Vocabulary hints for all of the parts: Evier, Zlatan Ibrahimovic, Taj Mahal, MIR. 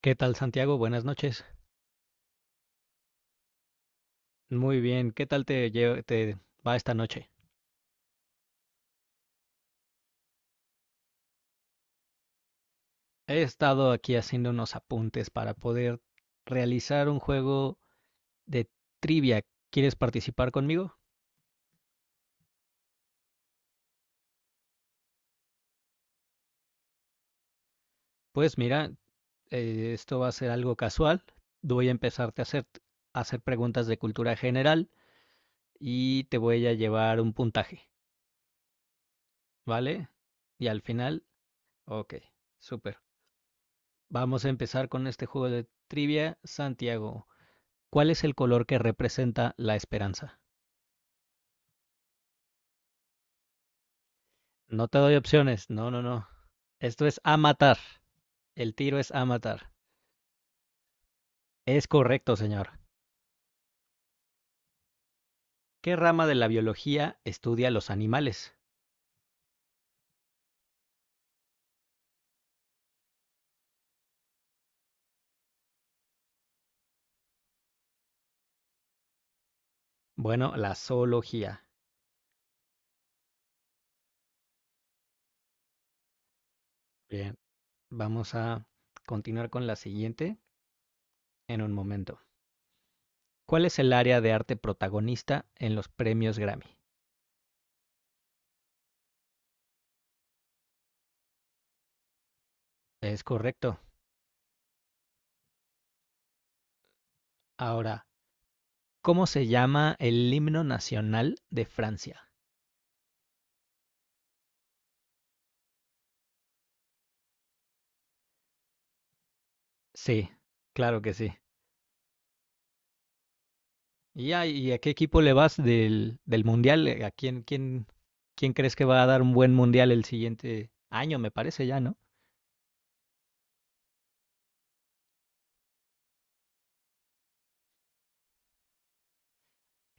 ¿Qué tal, Santiago? Buenas noches. Muy bien, ¿qué tal te va esta noche? He estado aquí haciendo unos apuntes para poder realizar un juego de trivia. ¿Quieres participar conmigo? Pues mira, esto va a ser algo casual. Voy a empezarte a hacer preguntas de cultura general y te voy a llevar un puntaje, ¿vale? Y al final, ok, súper. Vamos a empezar con este juego de trivia, Santiago. ¿Cuál es el color que representa la esperanza? No te doy opciones. No, no, no. Esto es a matar. El tiro es a matar. Es correcto, señor. ¿Qué rama de la biología estudia los animales? Bueno, la zoología. Bien, vamos a continuar con la siguiente en un momento. ¿Cuál es el área de arte protagonista en los premios Grammy? Es correcto. Ahora, ¿cómo se llama el himno nacional de Francia? Sí, claro que sí. Y ya, ¿y a qué equipo le vas del mundial? ¿A quién crees que va a dar un buen mundial el siguiente año, me parece ya, ¿no?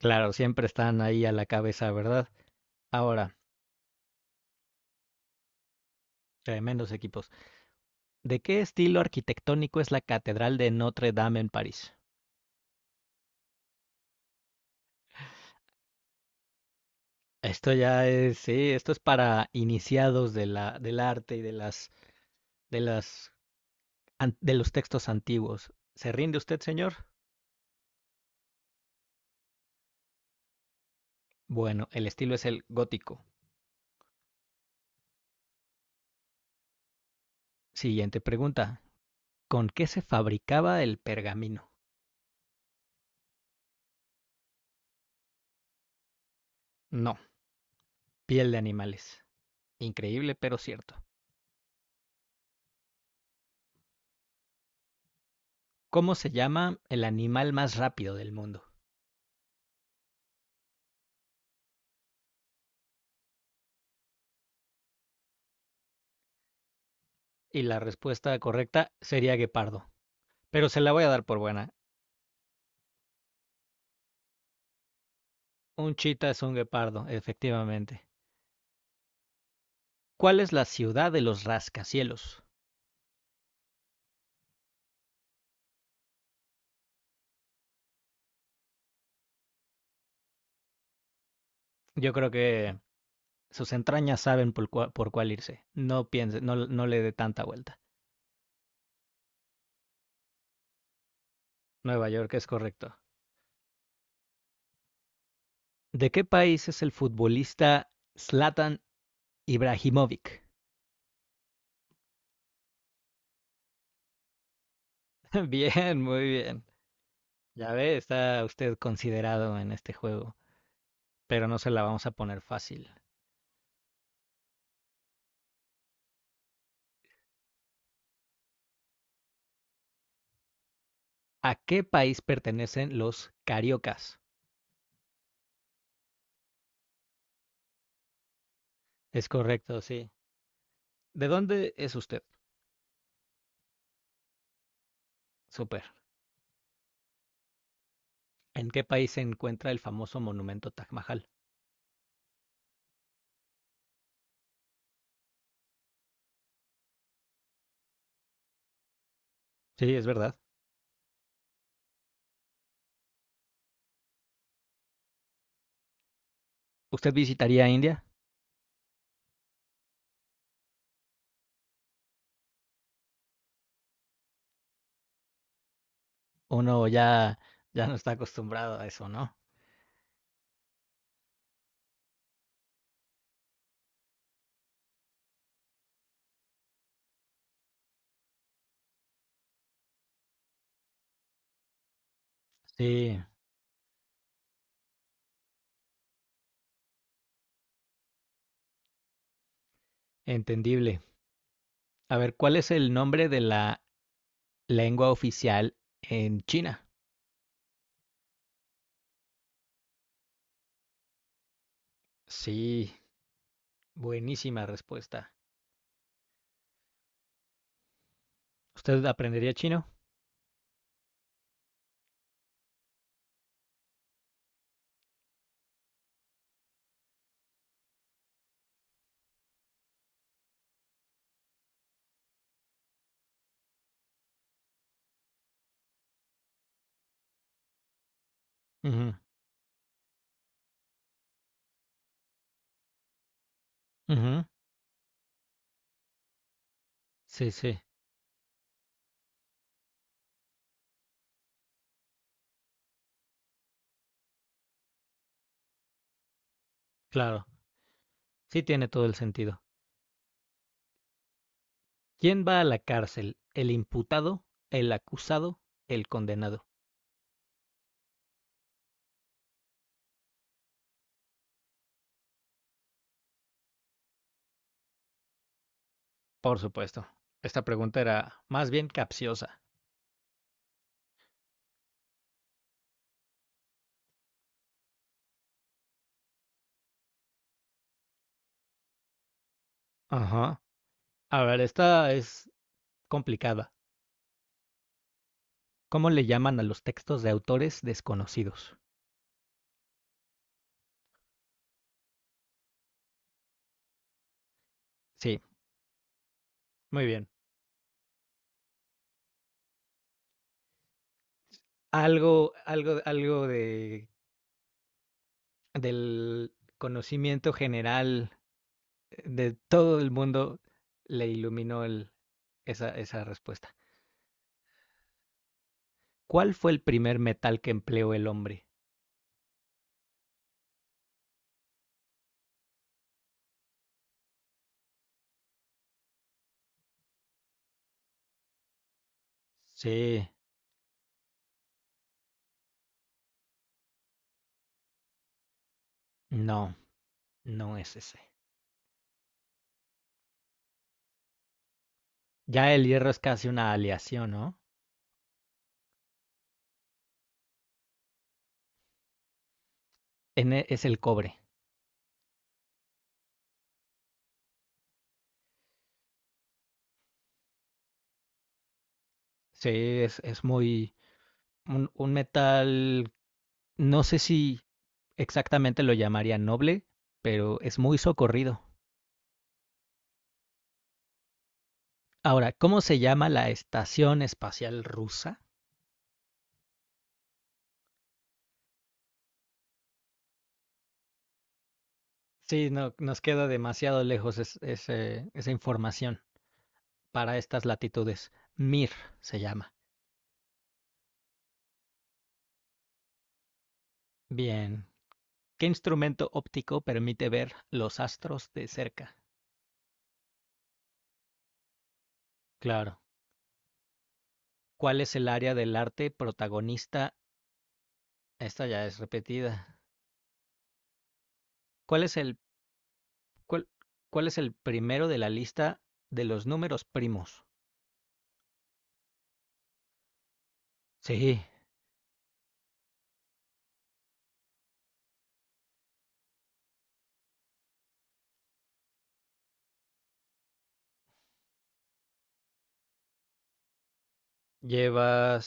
Claro, siempre están ahí a la cabeza, ¿verdad? Ahora, tremendos equipos. ¿De qué estilo arquitectónico es la Catedral de Notre Dame en París? Esto ya es, sí, esto es para iniciados de la, del arte y de las, de los textos antiguos. ¿Se rinde usted, señor? Bueno, el estilo es el gótico. Siguiente pregunta. ¿Con qué se fabricaba el pergamino? No, piel de animales. Increíble, pero cierto. ¿Cómo se llama el animal más rápido del mundo? Y la respuesta correcta sería guepardo. Pero se la voy a dar por buena. Un chita es un guepardo, efectivamente. ¿Cuál es la ciudad de los rascacielos? Yo creo que sus entrañas saben por cuál irse. No piense, no, no le dé tanta vuelta. Nueva York es correcto. ¿De qué país es el futbolista Zlatan Ibrahimovic? Bien, muy bien. Ya ve, está usted considerado en este juego, pero no se la vamos a poner fácil. ¿A qué país pertenecen los cariocas? Es correcto, sí. ¿De dónde es usted? Súper. ¿En qué país se encuentra el famoso monumento Taj Mahal? Sí, es verdad. ¿Usted visitaría India? Uno ya, ya no está acostumbrado a eso, ¿no? Sí, entendible. A ver, ¿cuál es el nombre de la lengua oficial en China? Sí, buenísima respuesta. ¿Usted aprendería chino? Ujú. Ujú, sí, sí, claro. Sí tiene todo el sentido. ¿Quién va a la cárcel? ¿El imputado, el acusado, el condenado? Por supuesto. Esta pregunta era más bien capciosa. Ajá. A ver, esta es complicada. ¿Cómo le llaman a los textos de autores desconocidos? Sí, muy bien. Algo del conocimiento general de todo el mundo le iluminó esa respuesta. ¿Cuál fue el primer metal que empleó el hombre? Sí, no, no es ese. Ya el hierro es casi una aleación, ¿no? Es el cobre. Sí, es muy. Un metal, no sé si exactamente lo llamaría noble, pero es muy socorrido. Ahora, ¿cómo se llama la Estación Espacial Rusa? Sí, no, nos queda demasiado lejos esa información para estas latitudes. MIR se llama. Bien. ¿Qué instrumento óptico permite ver los astros de cerca? Claro. ¿Cuál es el área del arte protagonista? Esta ya es repetida. ¿Cuál es cuál, cuál es el primero de la lista de los números primos? Sí, llevas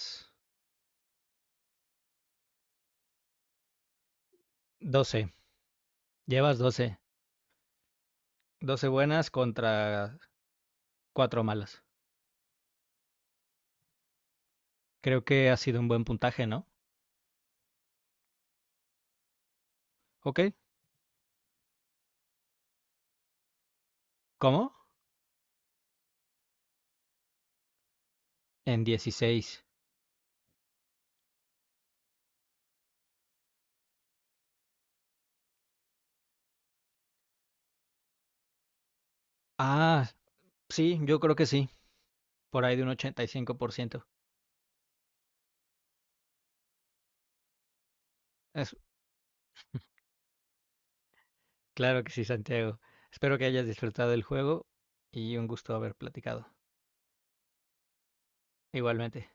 12. Llevas 12. 12 buenas contra 4 malas. Creo que ha sido un buen puntaje, ¿no? ¿Ok? ¿Cómo? En 16. Ah, sí, yo creo que sí, por ahí de un 85%. Es, claro que sí, Santiago. Espero que hayas disfrutado el juego y un gusto haber platicado. Igualmente.